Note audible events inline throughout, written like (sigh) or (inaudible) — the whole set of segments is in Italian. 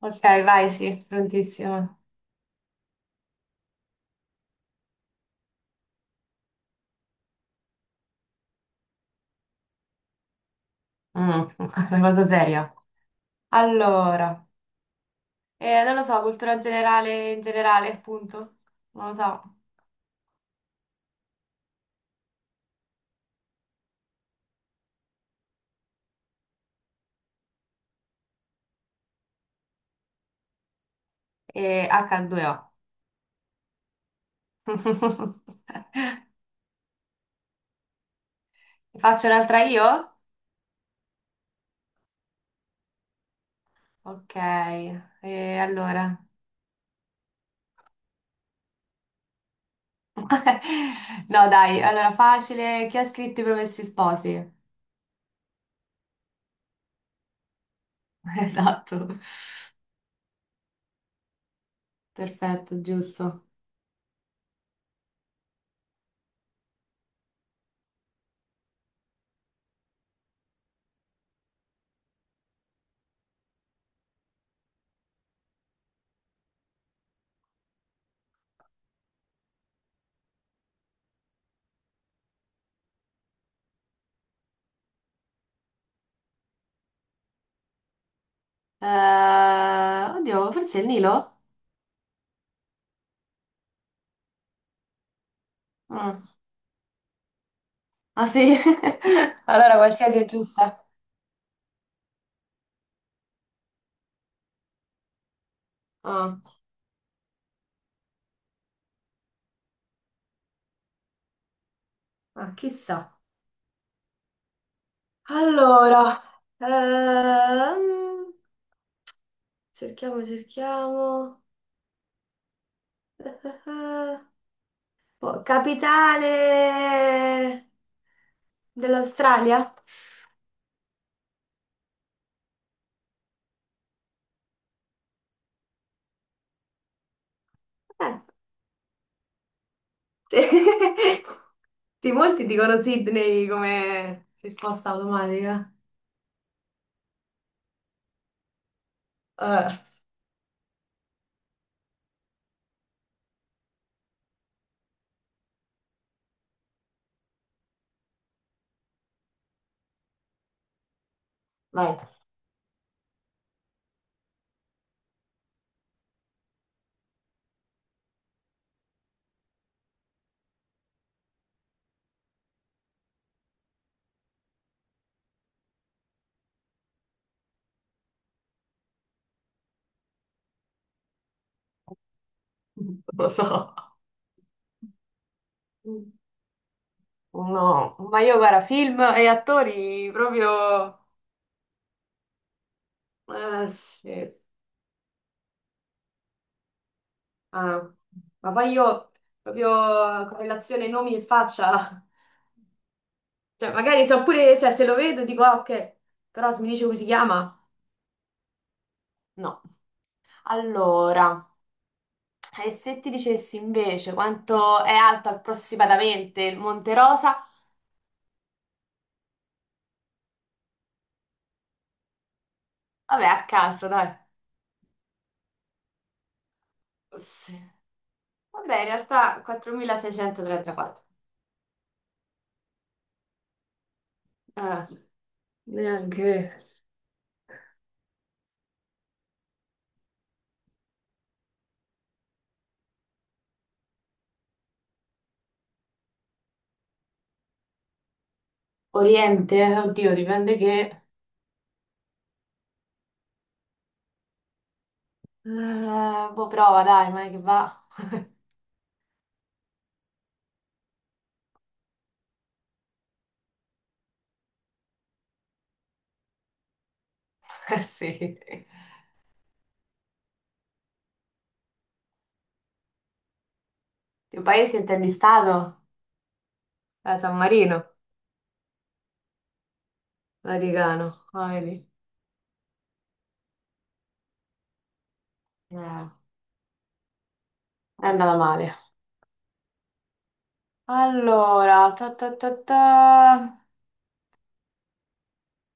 Ok, vai, sì, prontissimo. Mm, (laughs) una cosa seria. Allora, non lo so, cultura generale in generale, appunto. Non lo so. E H2O. (laughs) Faccio un'altra io? Ok, e allora. (laughs) No, dai, allora facile. Chi ha scritto i Promessi Sposi? (laughs) Esatto. Perfetto, giusto. Eh, oddio, forse è il Nilo? Mm. Ah sì? (laughs) Allora qualsiasi è giusta. Ah, ah, chissà. Allora, ehm, cerchiamo, cerchiamo. (laughs) Eh, eh, eh. Oh, capitale dell'Australia? Eh, sì. (laughs) Sì, molti dicono Sydney come risposta automatica. Eh, Vai. Non lo so. No, ma io guarda, film e attori proprio. Sì. Ah, ma poi io proprio correlazione nomi e faccia, cioè magari so pure, cioè se lo vedo dico ah, ok, però se mi dice come si chiama, no. Allora, e se ti dicessi invece quanto è alto approssimatamente il Monte Rosa? Vabbè, a caso, dai. Sì. Vabbè, in realtà 4.634. Eh, neanche. Oriente, oddio, dipende che... boh, prova, dai, ma che va. (laughs) Eh sì. Che paese intendi stato? San Marino, Vaticano, ah, vedi. È andata male. Allora, ta ta ta ta.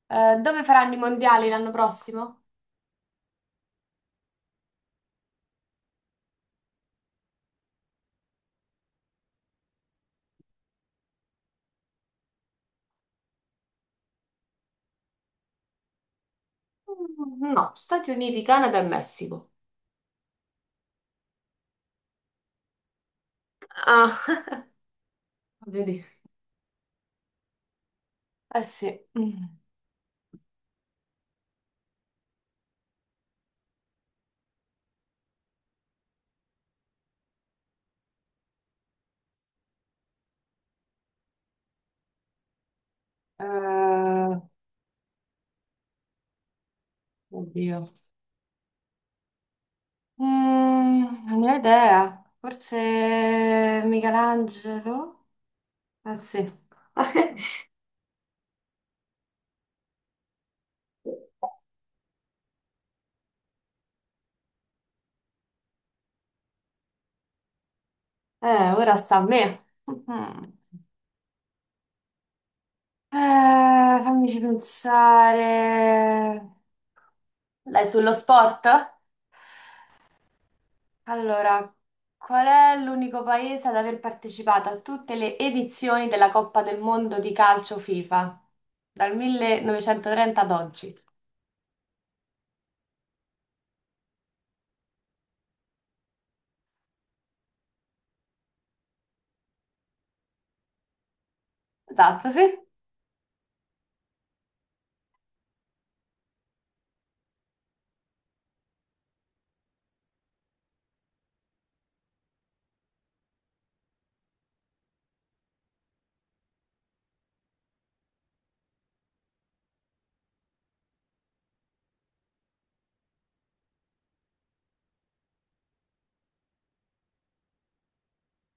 Dove faranno i mondiali l'anno prossimo? Mm, no, Stati Uniti, Canada e Messico. Ah, (laughs) vedi. Eh sì. Mm. Eh, oddio. Mm, non ne ho idea. Forse Michelangelo? Eh sì. (laughs) Ora sta a me. Mhm. Fammici pensare. Lei sullo sport? Allora, qual è l'unico paese ad aver partecipato a tutte le edizioni della Coppa del Mondo di calcio FIFA? Dal 1930 ad oggi. Esatto, sì.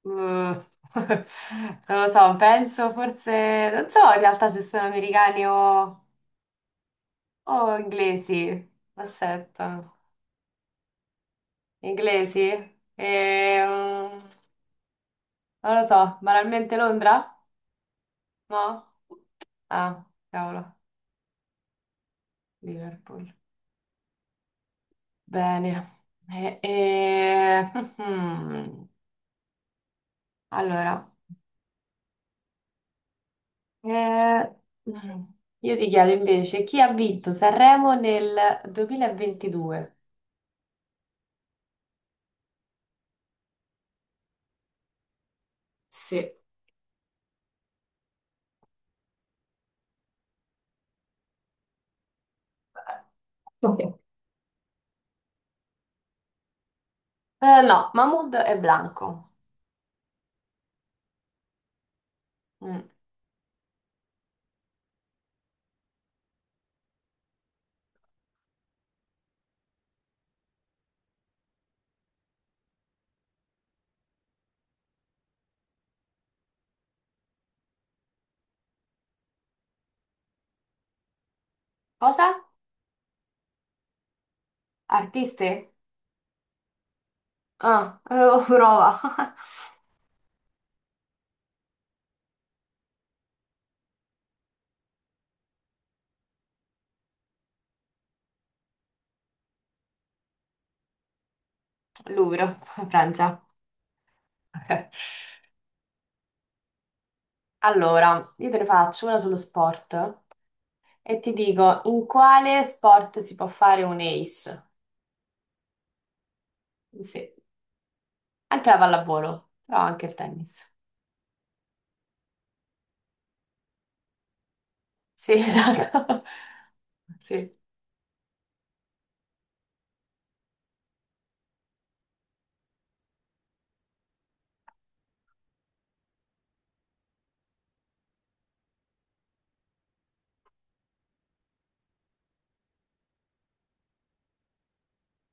Mm. (laughs) Non lo so, penso forse... Non so in realtà se sono americani o, inglesi. Aspetta. Inglesi? Ehm, non lo so, banalmente Londra? No? Ah, cavolo, Liverpool. Bene. E- e- (laughs) Allora, eh, io ti chiedo invece chi ha vinto Sanremo nel 2022? Sì. Ok. No, Mahmood e Blanco. Mm. Cosa? Artiste? Ah, prova. (laughs) Louvre, Francia. (laughs) Allora, io te ne faccio una sullo sport e ti dico in quale sport si può fare un ace? Sì, anche la pallavolo, però anche il tennis. Sì, (laughs) esatto. Sì.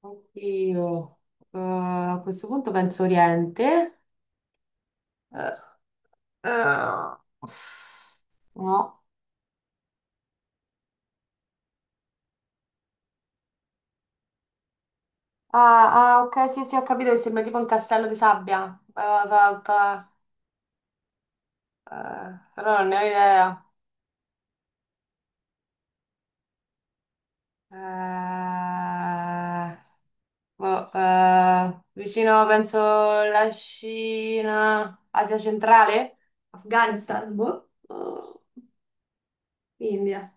Oddio. A questo punto penso Oriente. Eh, eh, No. Ah, ah, ok, sì, sì, ho capito che sembra tipo un castello di sabbia. Salta. Però non ne ho idea. Eh, Boh, vicino, penso, la Cina, Asia centrale? Afghanistan, boh, o India.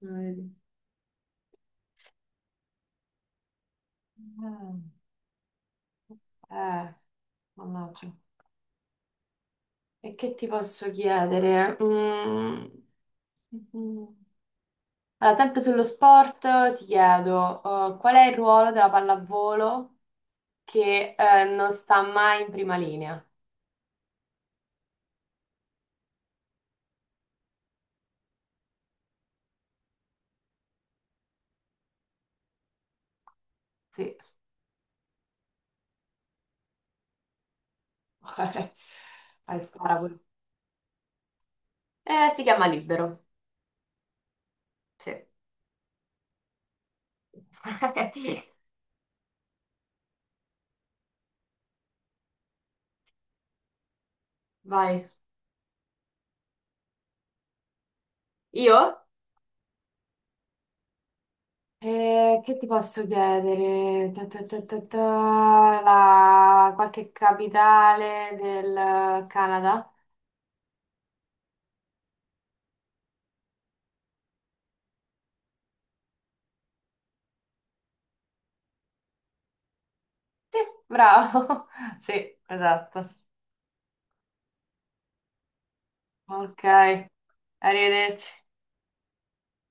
Non vedi. Mm. Eh, mannaggia. E che ti posso chiedere? Mm. Mhm. Allora, sempre sullo sport, ti chiedo, qual è il ruolo della pallavolo che, non sta mai in prima linea? Sì. (laughs) Vai, spara pure. Si chiama libero. Sì. (laughs) Vai. Io? Che ti posso chiedere? Ta, ta, ta, ta, ta, Qualche capitale del Canada? Sì, bravo. (laughs) Sì, esatto. Ok, arrivederci.